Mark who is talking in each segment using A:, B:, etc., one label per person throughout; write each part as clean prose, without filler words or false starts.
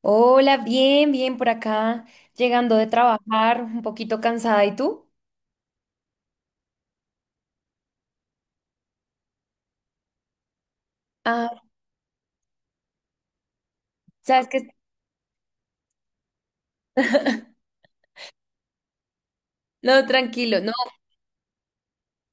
A: Hola, bien, bien por acá, llegando de trabajar, un poquito cansada. ¿Y tú? Ah, ¿sabes qué? No, tranquilo, no.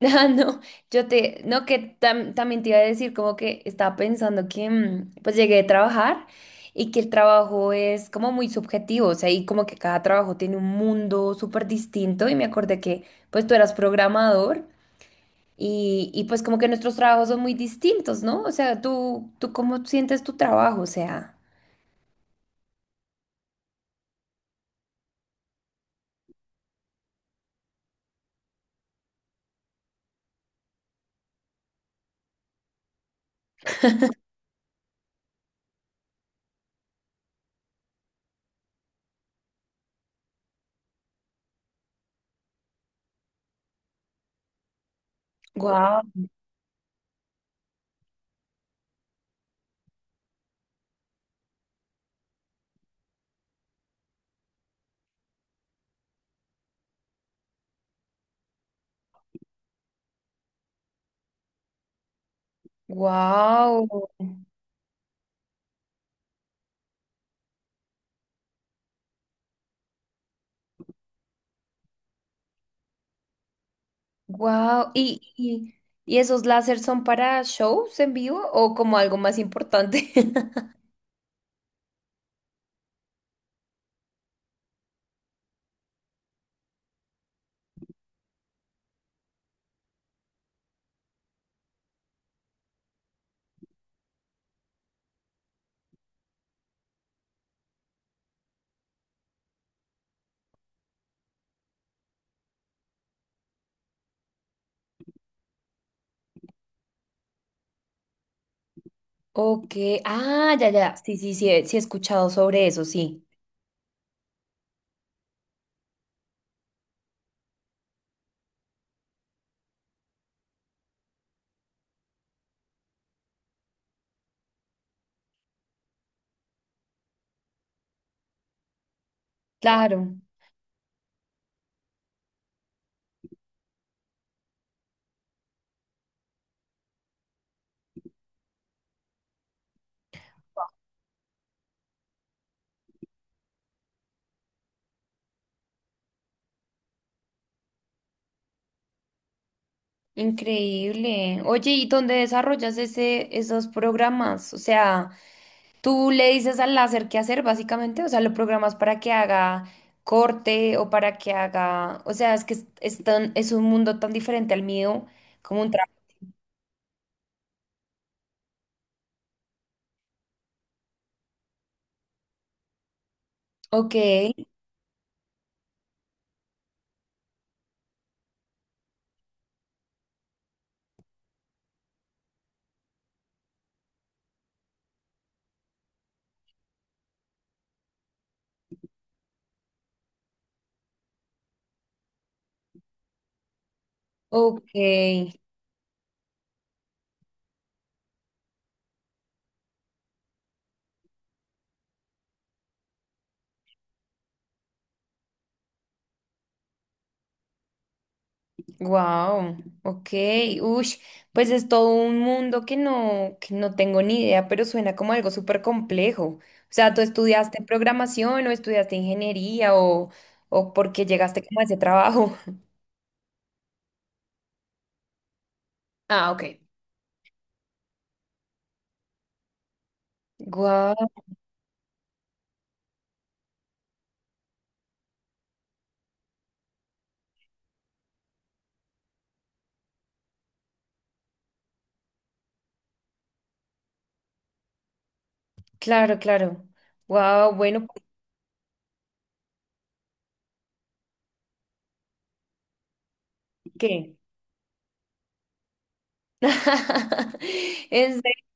A: Ah, no, no, que también te iba a decir como que estaba pensando que pues llegué de trabajar y que el trabajo es como muy subjetivo, o sea, y como que cada trabajo tiene un mundo súper distinto y me acordé que pues tú eras programador y pues como que nuestros trabajos son muy distintos, ¿no? O sea, tú cómo sientes tu trabajo, o sea... Wow, wow, wow. ¿Y esos láseres son para shows en vivo o como algo más importante? Ok, ah, ya, ya, sí, sí, sí, sí he escuchado sobre eso, sí. Claro, increíble. Oye, ¿y dónde desarrollas esos programas? O sea, tú le dices al láser qué hacer, básicamente, o sea, lo programas para que haga corte o para que haga, o sea, es que es un mundo tan diferente al mío como un trabajo. Ok, ok, wow, ok, ush, pues es todo un mundo que no tengo ni idea, pero suena como algo súper complejo. O sea, ¿tú estudiaste programación o estudiaste ingeniería o por qué llegaste como a ese trabajo? Ah, ok. Wow, claro, claro. Wow, bueno, ¿por qué? En serio.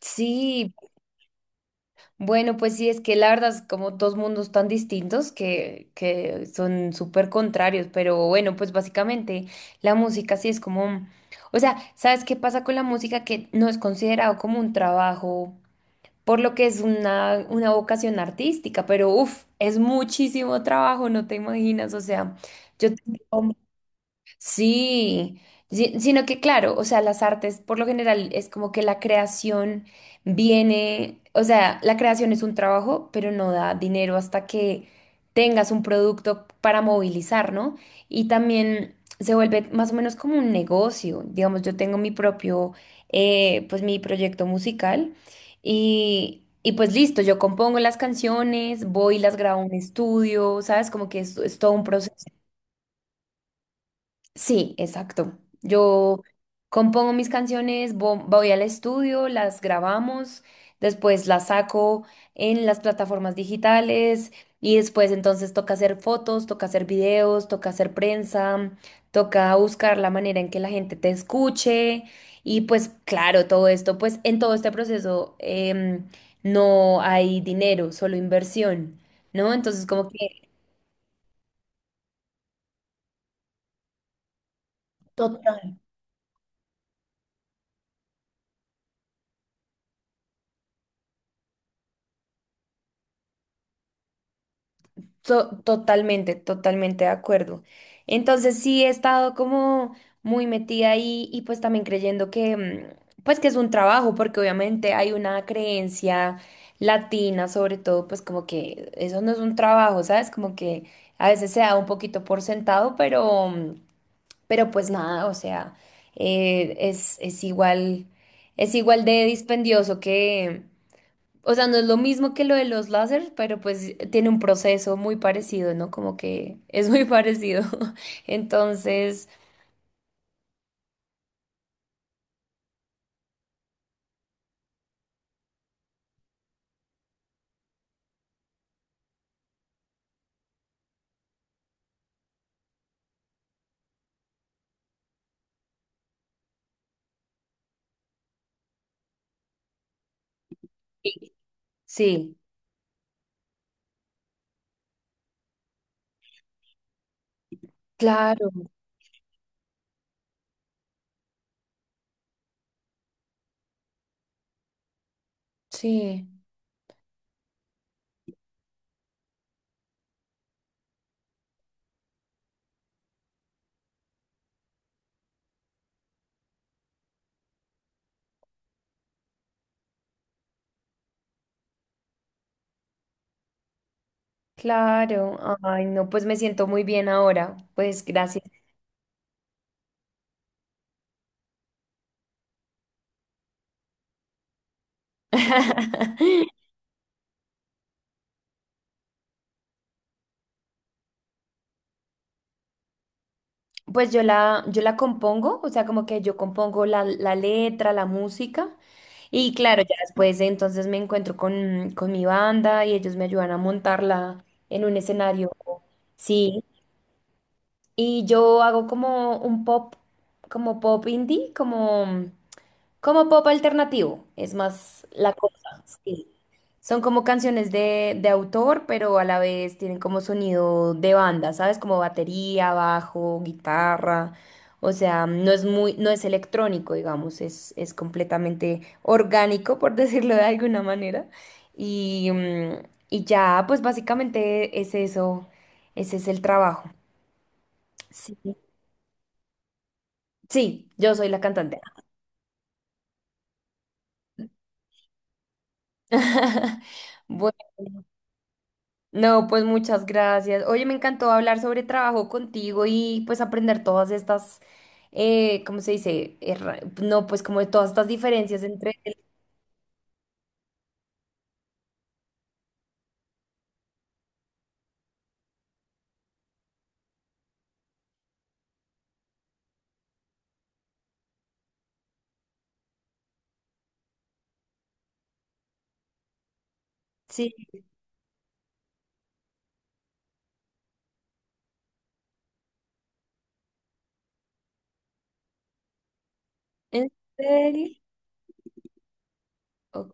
A: Sí. Bueno, pues sí, es que la verdad es como dos mundos tan distintos que son súper contrarios, pero bueno, pues básicamente la música sí es como, o sea, ¿sabes qué pasa con la música que no es considerado como un trabajo, por lo que es una vocación artística, pero uff, es muchísimo trabajo, no te imaginas, o sea, yo tengo. Sí, sino que claro, o sea, las artes por lo general es como que la creación viene, o sea, la creación es un trabajo, pero no da dinero hasta que tengas un producto para movilizar, ¿no? Y también se vuelve más o menos como un negocio. Digamos, yo tengo mi propio, pues mi proyecto musical y pues listo, yo compongo las canciones, voy y las grabo en un estudio, ¿sabes? Como que es todo un proceso. Sí, exacto. Yo compongo mis canciones, voy al estudio, las grabamos, después las saco en las plataformas digitales y después entonces toca hacer fotos, toca hacer videos, toca hacer prensa, toca buscar la manera en que la gente te escuche y pues claro, todo esto, pues en todo este proceso no hay dinero, solo inversión, ¿no? Entonces como que... Total. To- totalmente, totalmente de acuerdo. Entonces sí he estado como muy metida ahí y pues también creyendo que pues que es un trabajo porque obviamente hay una creencia latina sobre todo pues como que eso no es un trabajo, ¿sabes? Como que a veces se da un poquito por sentado, pero pero pues nada, o sea, eh, es es igual es igual de dispendioso que, o sea, no es lo mismo que lo de los láser, pero pues tiene un proceso muy parecido, ¿no? Como que es muy parecido. Entonces, sí, claro, sí, claro. Ay, no, pues me siento muy bien ahora. Pues gracias. Pues yo la compongo, o sea, como que yo compongo la letra, la música. Y claro, ya después entonces me encuentro con mi banda y ellos me ayudan a montarla en un escenario. Sí. Y yo hago como un pop, como pop indie, como pop alternativo. Es más la cosa, sí. Son como canciones de autor, pero a la vez tienen como sonido de banda, ¿sabes? Como batería, bajo, guitarra. O sea, no es electrónico, digamos, es completamente orgánico, por decirlo de alguna manera. Y, y ya, pues básicamente es eso, ese es el trabajo. Sí. Sí, yo soy la cantante. Bueno, no, pues muchas gracias. Oye, me encantó hablar sobre trabajo contigo y pues aprender todas estas, ¿cómo se dice? No, pues como de todas estas diferencias entre... Sí, ¿en serio? O-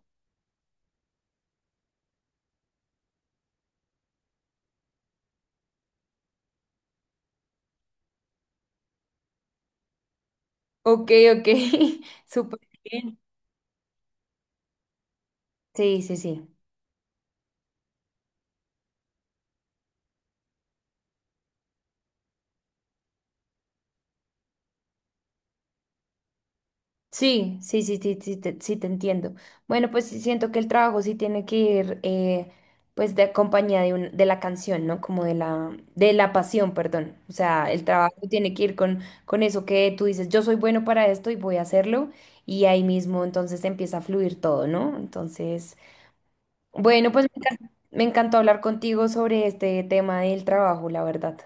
A: Ok, ok, súper bien. Sí, sí, sí. Sí, sí, sí, sí, sí, sí te entiendo. Bueno, pues sí siento que el trabajo sí tiene que ir, pues, de compañía de, de la canción, ¿no? Como de la pasión, perdón. O sea, el trabajo tiene que ir con eso que tú dices, yo soy bueno para esto y voy a hacerlo. Y ahí mismo entonces empieza a fluir todo, ¿no? Entonces, bueno, pues me encantó hablar contigo sobre este tema del trabajo, la verdad.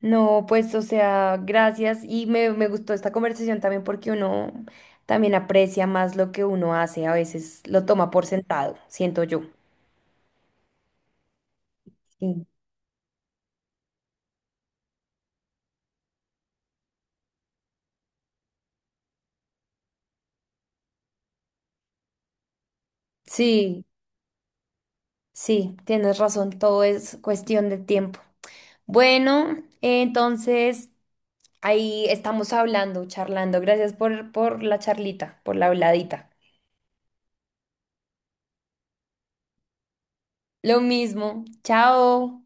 A: No, pues, o sea, gracias. Y me gustó esta conversación también porque uno también aprecia más lo que uno hace. A veces lo toma por sentado, siento yo. Sí, sí, sí, tienes razón. Todo es cuestión de tiempo. Bueno, entonces ahí estamos hablando, charlando. Gracias por la charlita, por la habladita. Lo mismo. Chao.